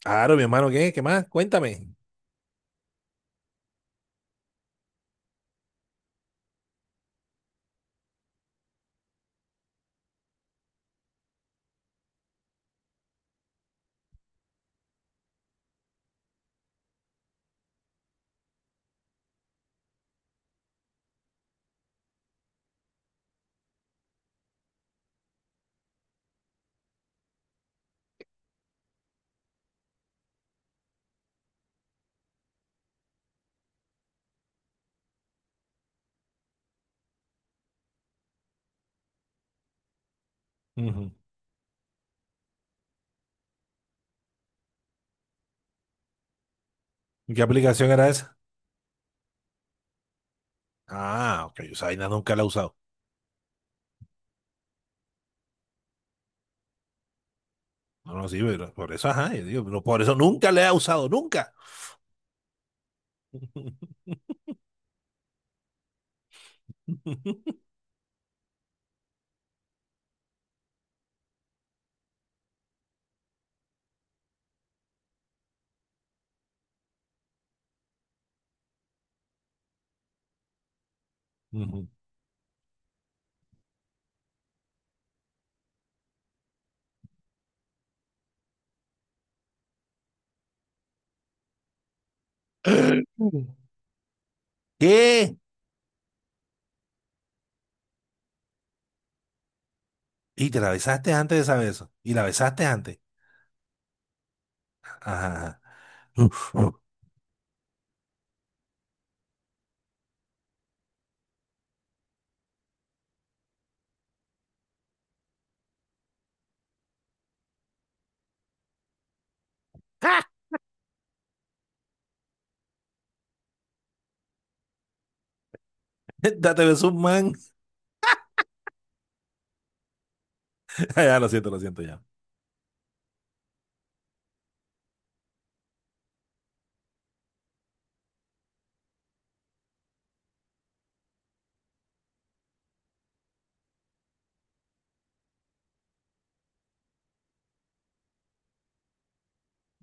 Claro, mi hermano, ¿qué? ¿Qué más? Cuéntame. Ujú. ¿Qué aplicación era esa? Ah, ok, yo esa vaina nunca la he usado. No, no, sí, pero por eso, ajá, yo digo, pero por eso nunca la he usado, nunca. Ujú. ¿Qué? Y te la besaste antes de saber eso. Y la besaste antes. Ajá, ajá. Date beso un man. Ya, lo siento ya.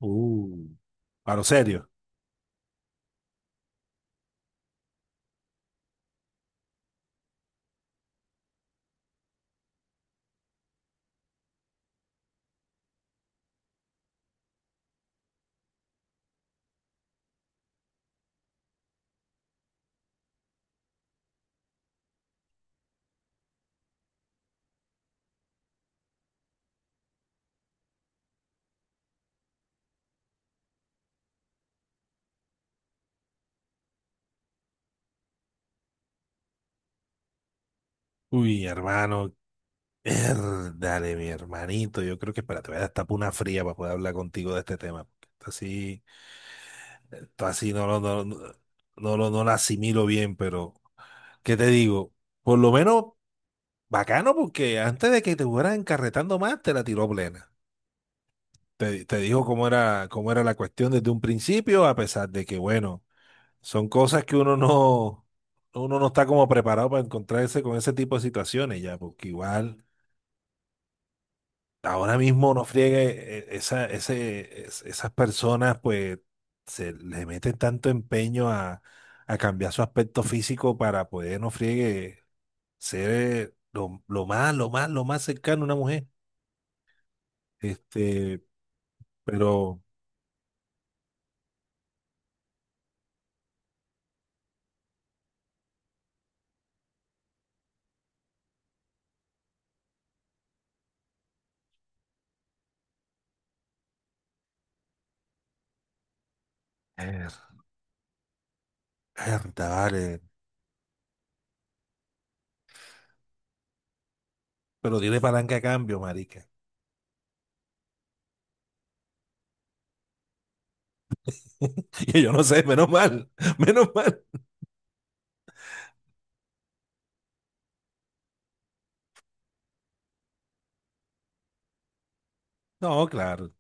Uh, a lo serio. Uy, hermano, dale, mi hermanito, yo creo que espérate, voy a destapar una fría para poder hablar contigo de este tema. Porque esto así, esto así no lo, no, no, no lo asimilo bien, pero ¿qué te digo? Por lo menos bacano, porque antes de que te fueras encarretando más, te la tiró plena. Te dijo cómo era la cuestión desde un principio, a pesar de que, bueno, son cosas que uno no está como preparado para encontrarse con ese tipo de situaciones ya, porque igual. Ahora mismo no friegue, esa, ese, esas personas pues se le meten tanto empeño a cambiar su aspecto físico para poder no friegue ser lo más, lo más, lo más cercano a una mujer. Este, pero, eh, mierda, vale, pero tiene palanca a cambio, marica. Y yo no sé, menos mal, menos mal. No, claro,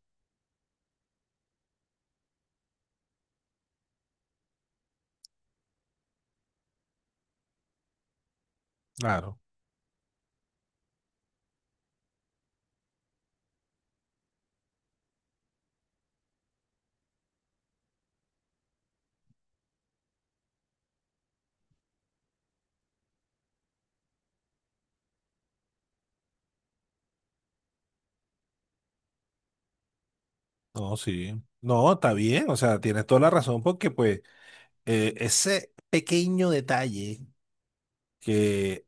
claro. No, sí. No, está bien, o sea, tienes toda la razón porque pues ese pequeño detalle que,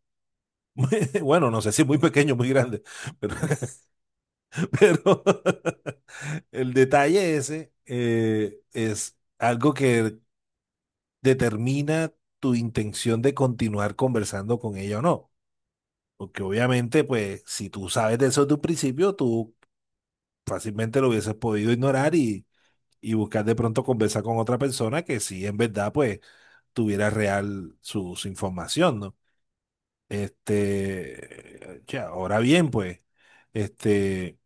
bueno, no sé si muy pequeño, muy grande, pero, pero el detalle ese es algo que determina tu intención de continuar conversando con ella o no. Porque obviamente, pues, si tú sabes de eso desde un principio, tú fácilmente lo hubieses podido ignorar y buscar de pronto conversar con otra persona que sí, en verdad, pues, tuviera real su, su información, ¿no? Este, ya, ahora bien, pues, este,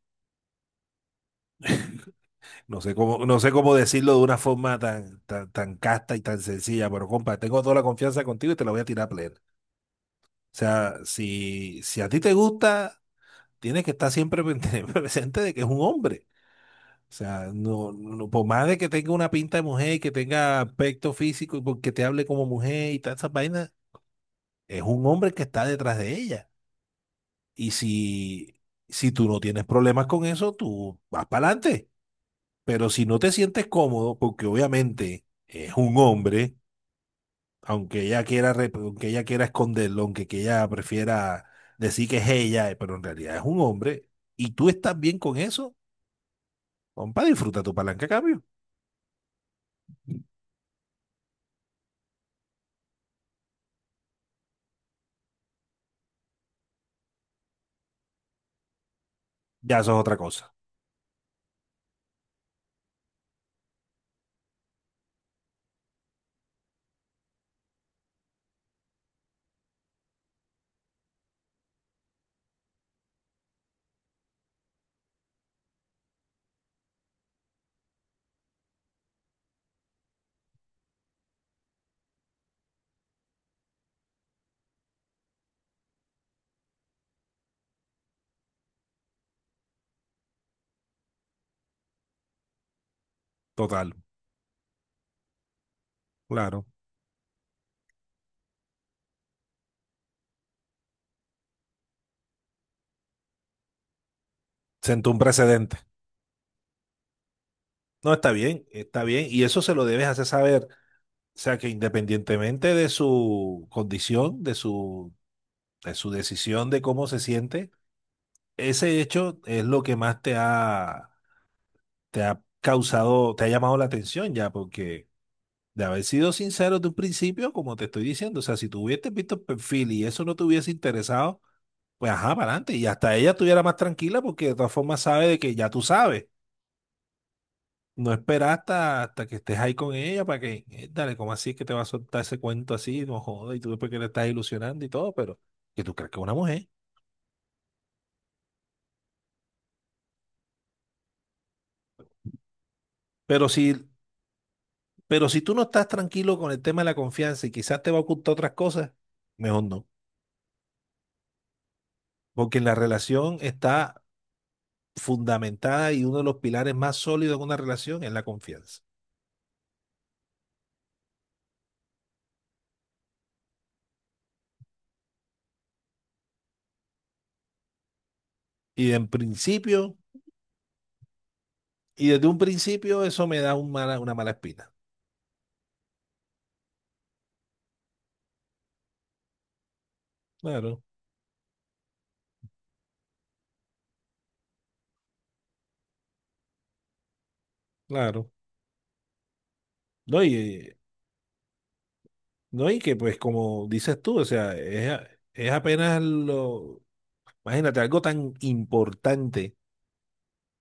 no sé cómo, no sé cómo decirlo de una forma tan, tan, tan casta y tan sencilla, pero compa, tengo toda la confianza contigo y te la voy a tirar plena. O sea, si, si a ti te gusta, tienes que estar siempre presente de que es un hombre. O sea, no, no, por más de que tenga una pinta de mujer y que tenga aspecto físico y porque te hable como mujer y todas esas vainas, es un hombre que está detrás de ella. Y si, si tú no tienes problemas con eso, tú vas para adelante. Pero si no te sientes cómodo, porque obviamente es un hombre, aunque ella quiera, aunque ella quiera esconderlo, aunque que ella prefiera decir que es ella, pero en realidad es un hombre, y tú estás bien con eso, compa, disfruta tu palanca a cambio. Ya eso es otra cosa. Total, claro. Sentó un precedente. No, está bien, está bien. Y eso se lo debes hacer saber. O sea que independientemente de su condición, de su decisión de cómo se siente, ese hecho es lo que más te ha causado, te ha llamado la atención ya, porque de haber sido sincero de un principio, como te estoy diciendo, o sea, si tú hubieses visto el perfil y eso no te hubiese interesado, pues ajá, para adelante, y hasta ella estuviera más tranquila porque de todas formas sabe de que ya tú sabes. No esperas hasta, hasta que estés ahí con ella para que, dale, ¿cómo así es que te va a soltar ese cuento así? No jodas, y tú después que le estás ilusionando y todo, pero que tú crees que es una mujer. Pero si Pero si tú no estás tranquilo con el tema de la confianza y quizás te va a ocultar otras cosas, mejor no. Porque la relación está fundamentada y uno de los pilares más sólidos de una relación es la confianza. Y en principio, y desde un principio, eso me da un una mala espina. Claro, claro. No, y, no, y que pues como dices tú, o sea, es, es apenas lo... Imagínate, algo tan importante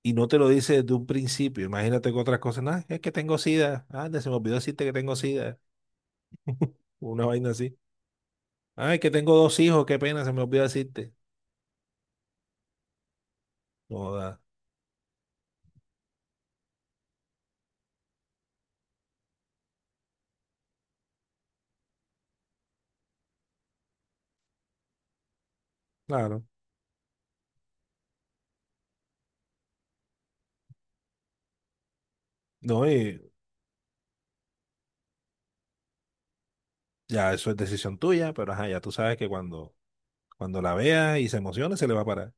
y no te lo dice desde un principio. Imagínate con otras cosas. No, es que tengo sida. Anda, se me olvidó decirte que tengo sida. Una vaina así. Ay, que tengo dos hijos, qué pena, se me olvidó decirte. Joda, claro. No, y ya eso es decisión tuya, pero ajá, ya tú sabes que cuando, cuando la veas y se emocione, se le va a parar.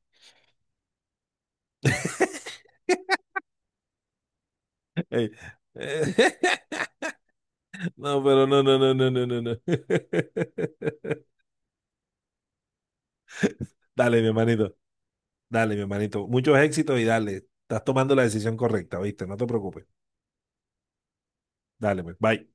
Ey, eh, No, pero no, no, no, no, no, no, no. Dale, mi hermanito, dale, mi hermanito. Muchos éxitos y dale. Estás tomando la decisión correcta, ¿viste? No te preocupes. Dale, pues, bye.